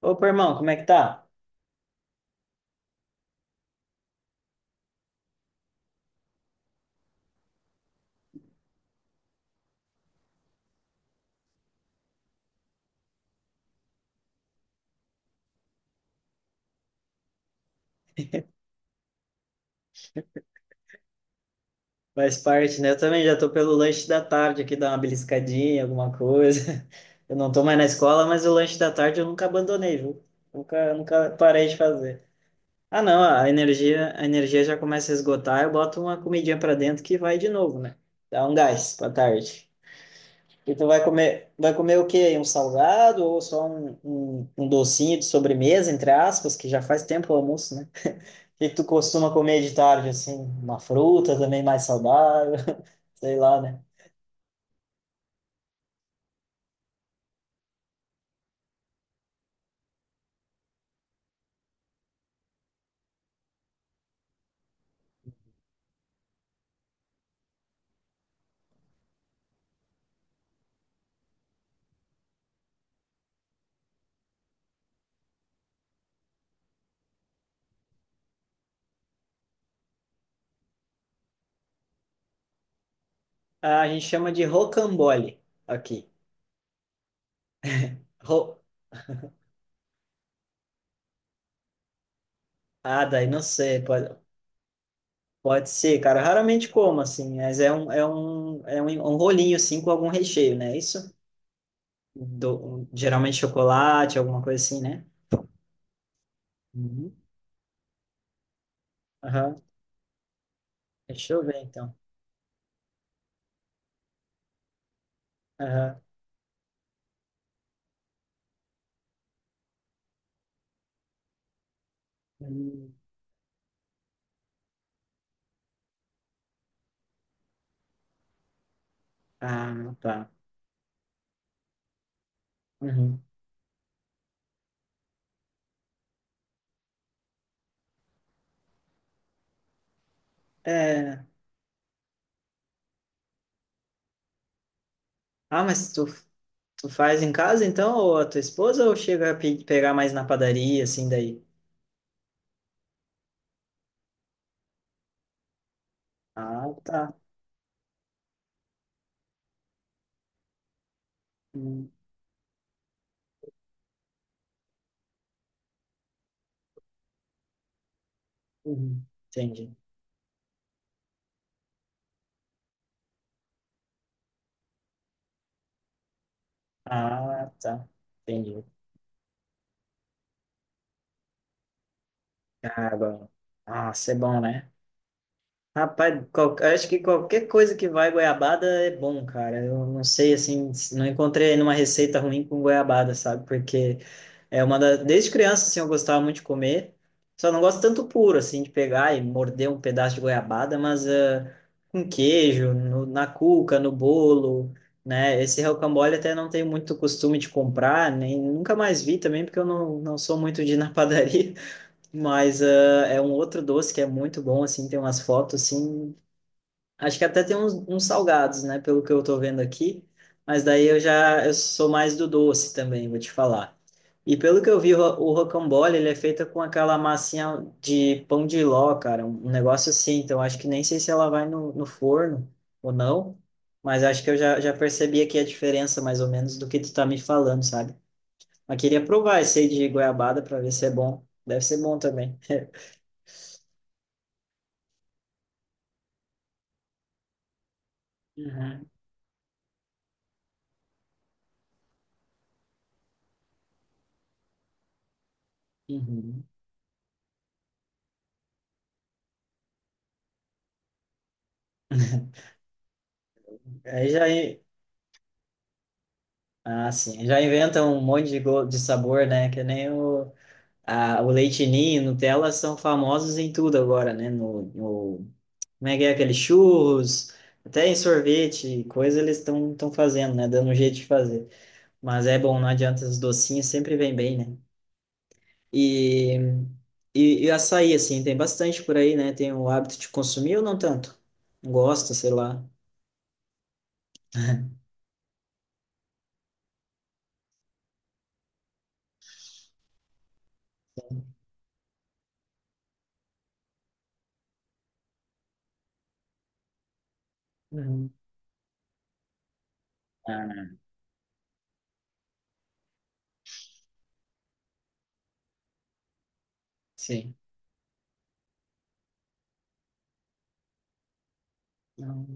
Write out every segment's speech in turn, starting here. Opa, irmão, como é que tá? Faz parte, né? Eu também já tô pelo lanche da tarde aqui, dar uma beliscadinha, alguma coisa. Eu não tô mais na escola, mas o lanche da tarde eu nunca abandonei, viu? Nunca parei de fazer. Ah, não, a energia já começa a esgotar, eu boto uma comidinha pra dentro que vai de novo, né? Dá um gás pra tarde. E tu vai comer o quê? Aí? Um salgado ou só um docinho de sobremesa, entre aspas, que já faz tempo o almoço, né? O que que tu costuma comer de tarde, assim? Uma fruta também mais saudável, sei lá, né? Ah, a gente chama de rocambole aqui. Ro... Ah, daí não sei, pode ser, cara. Raramente como, assim, mas é um rolinho, assim, com algum recheio, né? Isso? Geralmente chocolate, alguma coisa assim, né? Uhum. Aham. Deixa eu ver, então. Aham. Hum. Ah, tá. Uhum. É... Ah, mas tu faz em casa, então, ou a tua esposa, ou chega a pegar mais na padaria, assim, daí? Ah, tá. Hum, uhum. Entendi. Ah, tá. Entendi. Ah, bom. Nossa, é bom, né? Rapaz, acho que qualquer coisa que vai goiabada é bom, cara. Eu não sei, assim, não encontrei nenhuma receita ruim com goiabada, sabe? Porque é uma da... Desde criança, assim, eu gostava muito de comer. Só não gosto tanto puro, assim, de pegar e morder um pedaço de goiabada, mas ah, com queijo, na cuca, no bolo, né? Esse rocambole até não tenho muito costume de comprar, nem nunca mais vi também, porque eu não sou muito de ir na padaria. Mas ah, é um outro doce que é muito bom, assim, tem umas fotos, assim, acho que até tem uns salgados, né? Pelo que eu tô vendo aqui. Mas daí eu sou mais do doce também, vou te falar. E pelo que eu vi, o rocambole, ele é feito com aquela massinha de pão de ló, cara. Um negócio assim. Então, acho que nem sei se ela vai no forno ou não. Mas acho que eu já percebi aqui a diferença, mais ou menos, do que tu tá me falando, sabe? Mas queria provar esse aí de goiabada para ver se é bom. Deve ser bom também. Uhum. Uhum. Aí já, Ah, sim. Já inventam um monte de, de sabor, né? Que nem o leite ninho, Nutella são famosos em tudo agora, né? Como é que é aquele churros, até em sorvete, coisa eles estão fazendo, né? Dando um jeito de fazer. Mas é bom, não adianta, os docinhos sempre vem bem, né? E, e açaí, assim, tem bastante por aí, né? Tem o hábito de consumir ou não tanto? Gosta, sei lá. Uhum. Ah, sim. Não.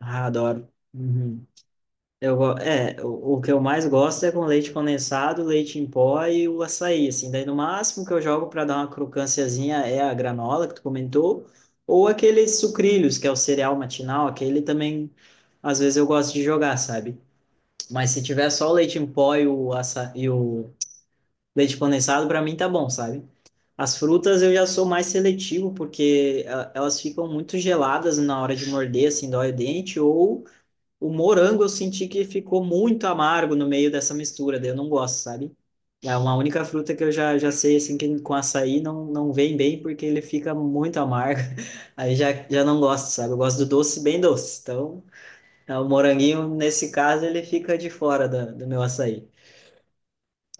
Ah, adoro. Uhum. Eu, go- é, o que eu mais gosto é com leite condensado, leite em pó e o açaí, assim. Daí, no máximo que eu jogo para dar uma crocânciazinha é a granola que tu comentou, ou aqueles sucrilhos, que é o cereal matinal, aquele também, às vezes eu gosto de jogar, sabe? Mas se tiver só o leite em pó e o leite condensado, para mim tá bom, sabe? As frutas eu já sou mais seletivo, porque ah, elas ficam muito geladas na hora de morder, assim, dói o dente, ou o morango eu senti que ficou muito amargo no meio dessa mistura, daí eu não gosto, sabe? É uma única fruta que eu já sei, assim, que com açaí não vem bem, porque ele fica muito amargo. Aí já não gosto, sabe? Eu gosto do doce bem doce. Então, é, o moranguinho, nesse caso, ele fica de fora do meu açaí.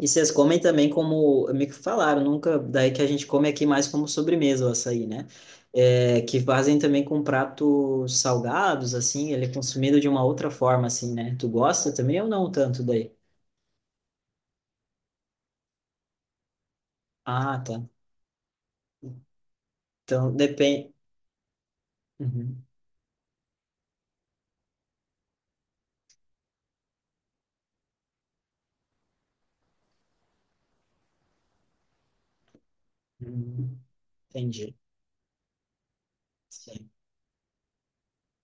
E vocês comem também como, me falaram, nunca, daí que a gente come aqui mais como sobremesa o açaí, né? É, que fazem também com pratos salgados, assim, ele é consumido de uma outra forma, assim, né? Tu gosta também ou não tanto daí? Ah, tá. Então, depende. Uhum. Uhum. Entendi. Sim.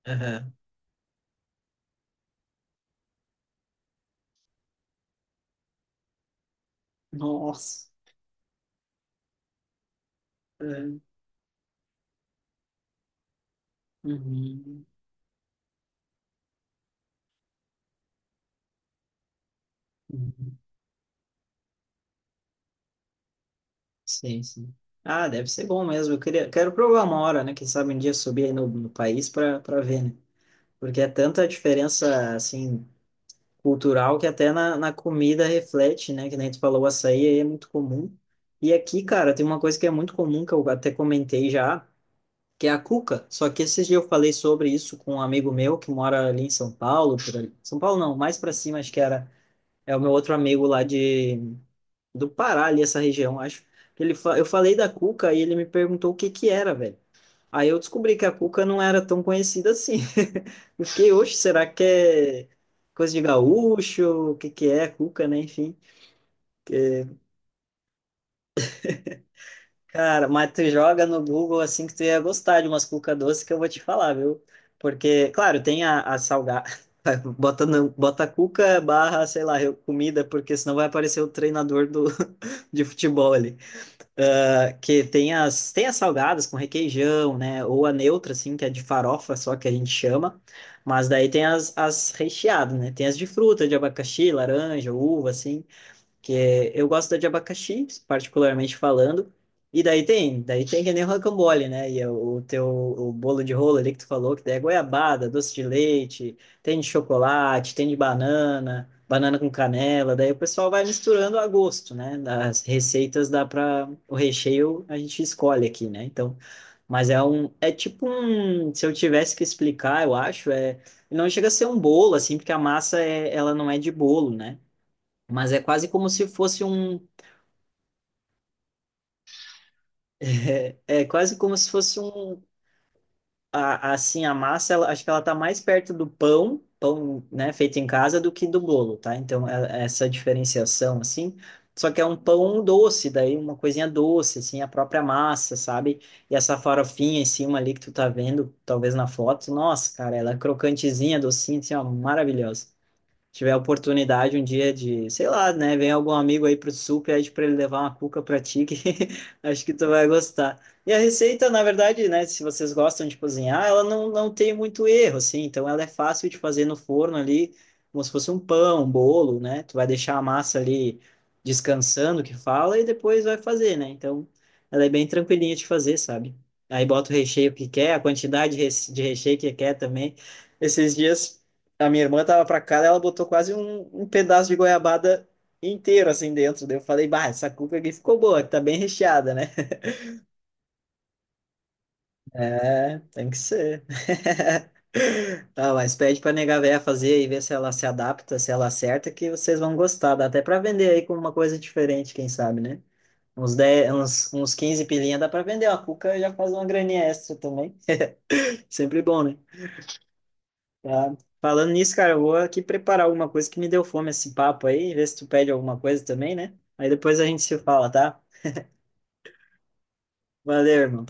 Aham. Nossa. Aham. Uhum. Uhum. Sim, sim. Ah, deve ser bom mesmo. Eu queria, quero provar uma hora, né? Quem sabe um dia subir aí no país para ver, né? Porque é tanta diferença, assim, cultural que até na comida reflete, né? Que nem tu falou, o açaí aí é muito comum. E aqui, cara, tem uma coisa que é muito comum, que eu até comentei já, que é a cuca. Só que esses dias eu falei sobre isso com um amigo meu que mora ali em São Paulo, por ali. São Paulo não, mais pra cima, acho que era. É o meu outro amigo lá de, do Pará, ali, essa região, acho. Eu falei da cuca e ele me perguntou o que que era, velho. Aí eu descobri que a cuca não era tão conhecida assim. Eu fiquei, oxe, será que é coisa de gaúcho? O que que é cuca, né? Enfim. Cara, mas tu joga no Google assim que tu ia gostar de umas cuca doce que eu vou te falar, viu? Porque, claro, tem a salgada. Bota, no- Bota cuca barra, sei lá, comida, porque senão vai aparecer o treinador do, de futebol ali. Ah, que tem as salgadas com requeijão, né? Ou a neutra, assim, que é de farofa só que a gente chama. Mas daí tem as recheadas, né? Tem as de fruta, de abacaxi, laranja, uva, assim eu gosto de abacaxi, particularmente falando. E daí tem que nem rocambole, né? E é o bolo de rolo ali que tu falou, que daí é goiabada, doce de leite, tem de chocolate, tem de banana, banana com canela. Daí o pessoal vai misturando a gosto, né? As receitas dá para o recheio a gente escolhe aqui, né? Então, mas é um, é tipo um, se eu tivesse que explicar, eu acho, é, não chega a ser um bolo assim, porque a massa é, ela não é de bolo, né? Mas é quase como se fosse um. É, é quase como se fosse um. Assim, a massa, acho que ela tá mais perto do pão, né, feito em casa, do que do bolo, tá? Então, é essa diferenciação, assim. Só que é um pão doce, daí uma coisinha doce, assim, a própria massa, sabe? E essa farofinha em cima ali que tu tá vendo, talvez na foto, nossa, cara, ela é crocantezinha, docinha, assim, ó, maravilhosa. Tiver a oportunidade um dia de, sei lá, né, vem algum amigo aí pro sul, pede para ele levar uma cuca para ti, que acho que tu vai gostar. E a receita, na verdade, né, se vocês gostam de cozinhar, ela não tem muito erro, assim, então ela é fácil de fazer no forno ali, como se fosse um pão, um bolo, né, tu vai deixar a massa ali descansando, que fala, e depois vai fazer, né, então ela é bem tranquilinha de fazer, sabe? Aí bota o recheio que quer, a quantidade de de recheio que quer também. Esses dias a minha irmã tava pra cá, daí ela botou quase um pedaço de goiabada inteiro assim dentro. Daí eu falei, bah, essa cuca aqui ficou boa, tá bem recheada, né? É, tem que ser. Ah, mas pede pra nega véia fazer e ver se ela se adapta, se ela acerta, que vocês vão gostar. Dá até pra vender aí com uma coisa diferente, quem sabe, né? Uns 10, uns 15 pilinha dá pra vender. A cuca já faz uma graninha extra também. Sempre bom, né? Tá. Falando nisso, cara, eu vou aqui preparar alguma coisa que me deu fome esse papo aí, ver se tu pede alguma coisa também, né? Aí depois a gente se fala, tá? Valeu, irmão.